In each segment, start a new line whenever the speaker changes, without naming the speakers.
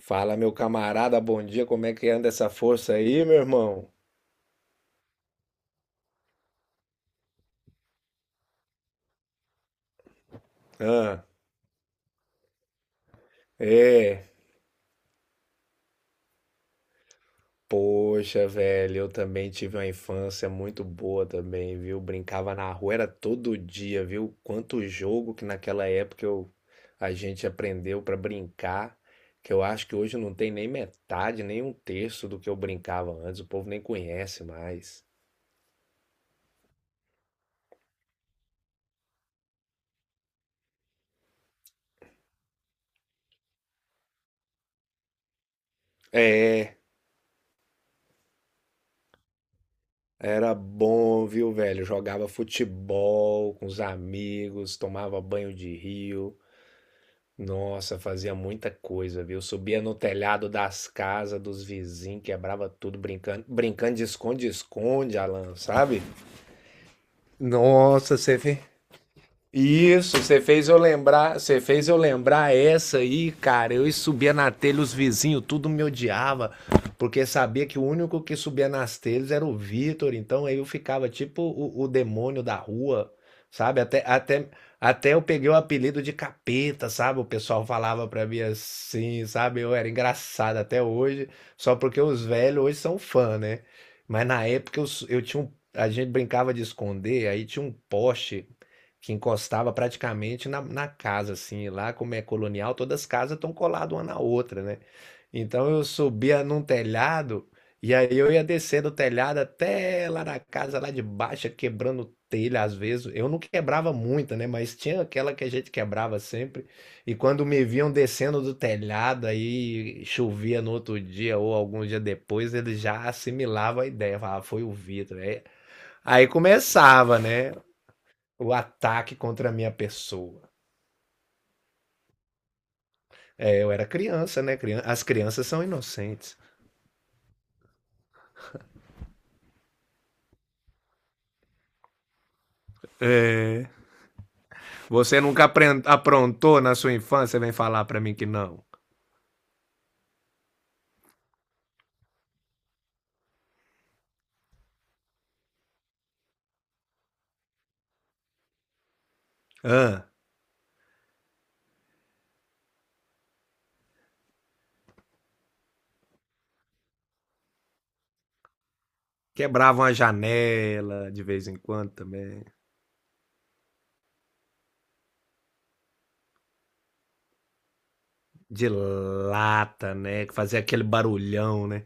Fala, meu camarada, bom dia. Como é que anda essa força aí, meu irmão? Ah, é. Poxa, velho, eu também tive uma infância muito boa também, viu? Brincava na rua, era todo dia, viu? Quanto jogo que naquela época eu, a gente aprendeu pra brincar, que eu acho que hoje não tem nem metade, nem um terço do que eu brincava antes, o povo nem conhece mais. É. Era bom, viu, velho? Jogava futebol com os amigos, tomava banho de rio. Nossa, fazia muita coisa, viu? Subia no telhado das casas dos vizinhos, quebrava tudo brincando, brincando de esconde-esconde, Alan, sabe? Nossa, você vê. Isso, você fez eu lembrar essa aí, cara. Eu subia na telha, os vizinhos tudo me odiava, porque sabia que o único que subia nas telhas era o Vitor, então aí eu ficava tipo o demônio da rua, sabe? Até eu peguei o apelido de capeta, sabe? O pessoal falava pra mim assim, sabe? Eu era engraçado até hoje, só porque os velhos hoje são fã, né? Mas na época eu, eu tinha um, a gente brincava de esconder, aí tinha um poste que encostava praticamente na casa, assim, lá como é colonial, todas as casas estão coladas uma na outra, né? Então eu subia num telhado e aí eu ia descendo o telhado até lá na casa lá de baixo, quebrando telha às vezes. Eu não quebrava muita, né? Mas tinha aquela que a gente quebrava sempre. E quando me viam descendo do telhado, aí chovia no outro dia ou algum dia depois, eles já assimilavam a ideia. Falava, "Ah, foi o Vitor. Aí começava, né? O ataque contra a minha pessoa. É, eu era criança, né? As crianças são inocentes. Você nunca aprontou na sua infância, vem falar pra mim que não. Hã? Quebrava uma janela de vez em quando também. De lata, né? Que fazia aquele barulhão, né?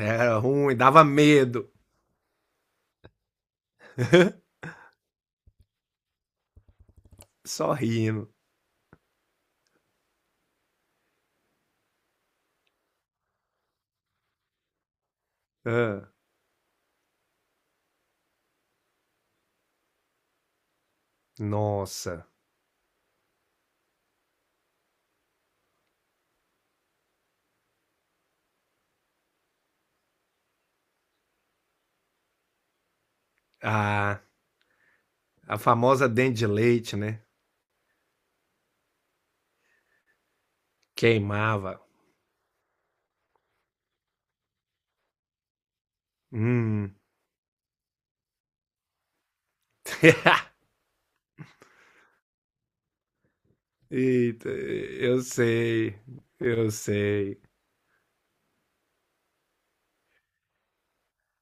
Era ruim, dava medo. Só rindo. Hã? Nossa. A, a famosa dente de leite, né? Queimava. Hum. Eita, eu sei.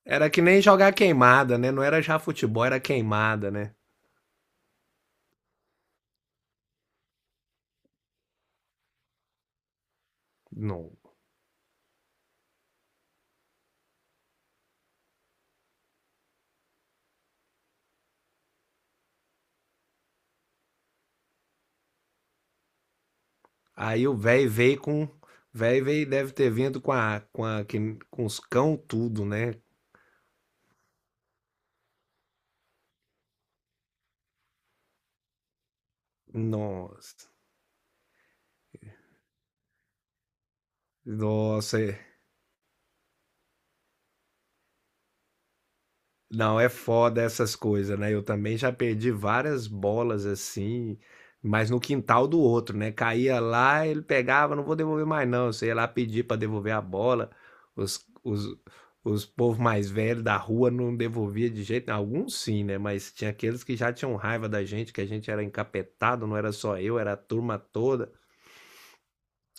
Era que nem jogar queimada, né? Não era já futebol, era queimada, né? Não. Aí o velho veio com. Velho veio deve ter vindo com a, com os cão tudo, né? Nossa. Nossa, não, é foda essas coisas, né? Eu também já perdi várias bolas assim, mas no quintal do outro, né? Caía lá, ele pegava, não vou devolver mais não. Você ia lá pedir pra devolver a bola. Os, os, os povos mais velhos da rua não devolvia de jeito nenhum. Alguns sim, né? Mas tinha aqueles que já tinham raiva da gente, que a gente era encapetado, não era só eu, era a turma toda,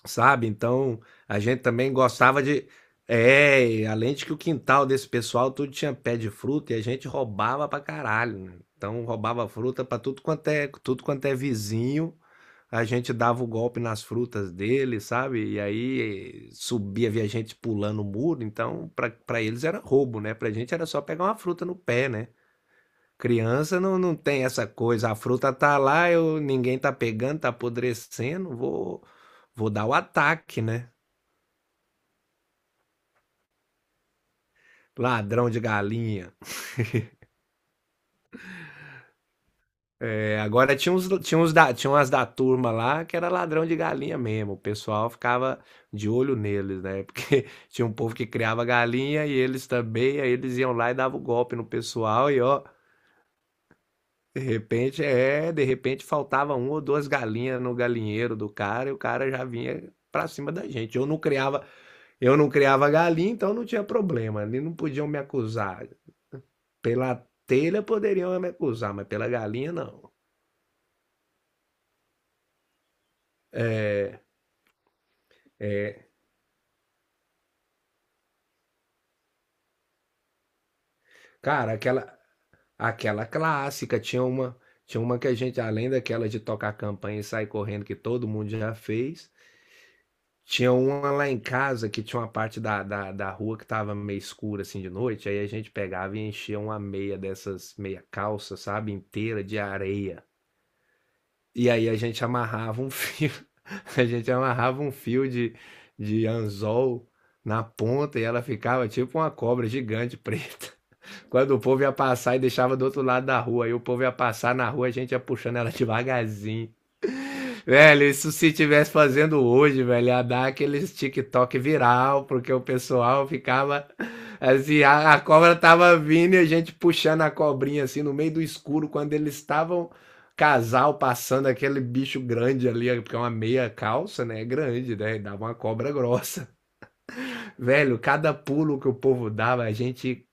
sabe? Então a gente também gostava de. É, e além de que o quintal desse pessoal tudo tinha pé de fruta e a gente roubava pra caralho, né? Então roubava fruta pra tudo quanto é vizinho. A gente dava o golpe nas frutas dele, sabe? E aí subia, via gente pulando o muro. Então, pra eles era roubo, né? Pra gente era só pegar uma fruta no pé, né? Criança não, não tem essa coisa. A fruta tá lá, eu, ninguém tá pegando, tá apodrecendo. Vou, vou dar o ataque, né? Ladrão de galinha. É, agora tinha umas da turma lá que era ladrão de galinha mesmo. O pessoal ficava de olho neles, né? Porque tinha um povo que criava galinha e eles também, aí eles iam lá e davam golpe no pessoal e ó, de repente faltava uma ou duas galinhas no galinheiro do cara e o cara já vinha pra cima da gente. Eu não criava galinha, então não tinha problema. Eles não podiam me acusar. Pela telha poderiam me acusar, mas pela galinha não. Cara, aquela clássica, tinha uma que a gente, além daquela de tocar campanha e sair correndo, que todo mundo já fez, tinha uma lá em casa que tinha uma parte da rua que tava meio escura assim de noite, aí a gente pegava e enchia uma meia dessas meia calça, sabe, inteira de areia. E aí a gente amarrava um fio, a gente amarrava um fio de anzol na ponta e ela ficava tipo uma cobra gigante preta. Quando o povo ia passar e deixava do outro lado da rua, aí o povo ia passar na rua, a gente ia puxando ela devagarzinho. Velho, isso se tivesse fazendo hoje, velho, ia dar aqueles TikTok viral, porque o pessoal ficava assim, a cobra tava vindo e a gente puxando a cobrinha assim no meio do escuro, quando eles estavam casal passando aquele bicho grande ali, porque é uma meia calça, né? É grande, né? E dava uma cobra grossa. Velho, cada pulo que o povo dava, a gente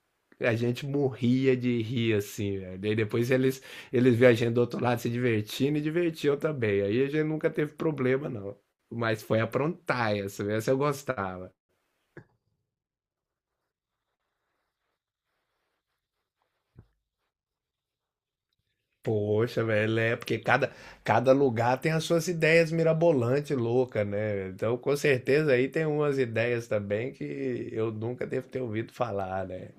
a gente morria de rir assim, velho. Daí depois eles viam a gente do outro lado se divertindo e divertiam também. Aí a gente nunca teve problema não. Mas foi aprontar essa, essa eu gostava. Poxa, velho, é porque cada lugar tem as suas ideias mirabolantes, louca, né? Então, com certeza aí tem umas ideias também que eu nunca devo ter ouvido falar, né?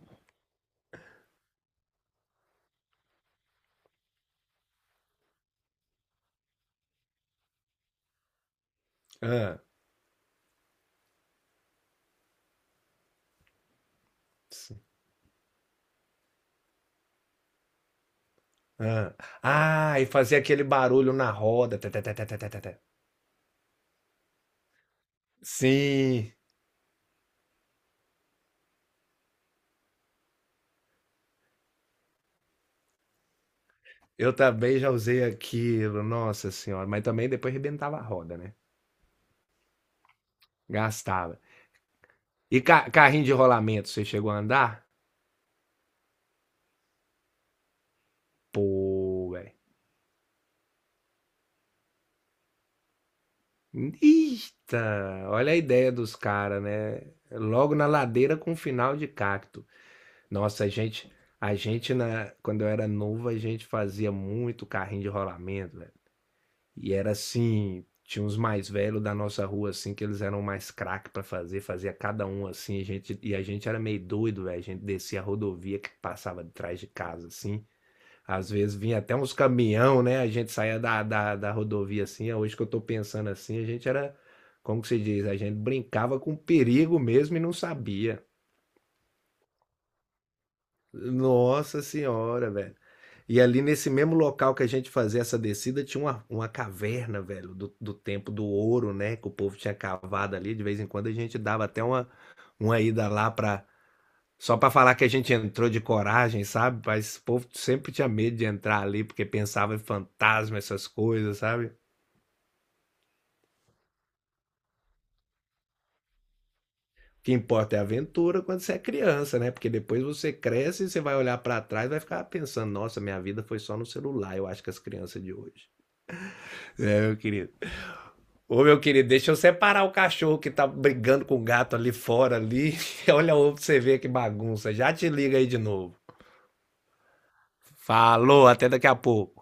Ah, hã. Ah, e fazia aquele barulho na roda. Tê, tê, tê, tê, tê, tê, tê, tê. Sim, eu também já usei aquilo, nossa senhora, mas também depois rebentava a roda, né? Gastava. E ca carrinho de rolamento, você chegou a andar? Pô, velho. Eita, olha a ideia dos caras, né? Logo na ladeira com final de cacto. Nossa, a gente, quando eu era novo, a gente fazia muito carrinho de rolamento, velho. E era assim, tinha uns mais velhos da nossa rua, assim, que eles eram mais craque pra fazer, fazia cada um assim, a gente, e a gente era meio doido, velho. A gente descia a rodovia que passava de trás de casa, assim. Às vezes vinha até uns caminhão, né? A gente saía da rodovia assim. Hoje que eu tô pensando assim, a gente era, como que se diz? A gente brincava com perigo mesmo e não sabia. Nossa senhora, velho. E ali nesse mesmo local que a gente fazia essa descida, tinha uma caverna, velho, do tempo do ouro, né? Que o povo tinha cavado ali. De vez em quando a gente dava até uma ida lá pra. Só pra falar que a gente entrou de coragem, sabe? Mas o povo sempre tinha medo de entrar ali, porque pensava em fantasma, essas coisas, sabe? O que importa é a aventura quando você é criança, né? Porque depois você cresce e você vai olhar pra trás e vai ficar pensando: nossa, minha vida foi só no celular, eu acho que as crianças de hoje. É, eu queria. Ô, meu querido, deixa eu separar o cachorro que tá brigando com o gato ali fora ali. Olha o ovo pra você ver que bagunça. Já te liga aí de novo. Falou, até daqui a pouco.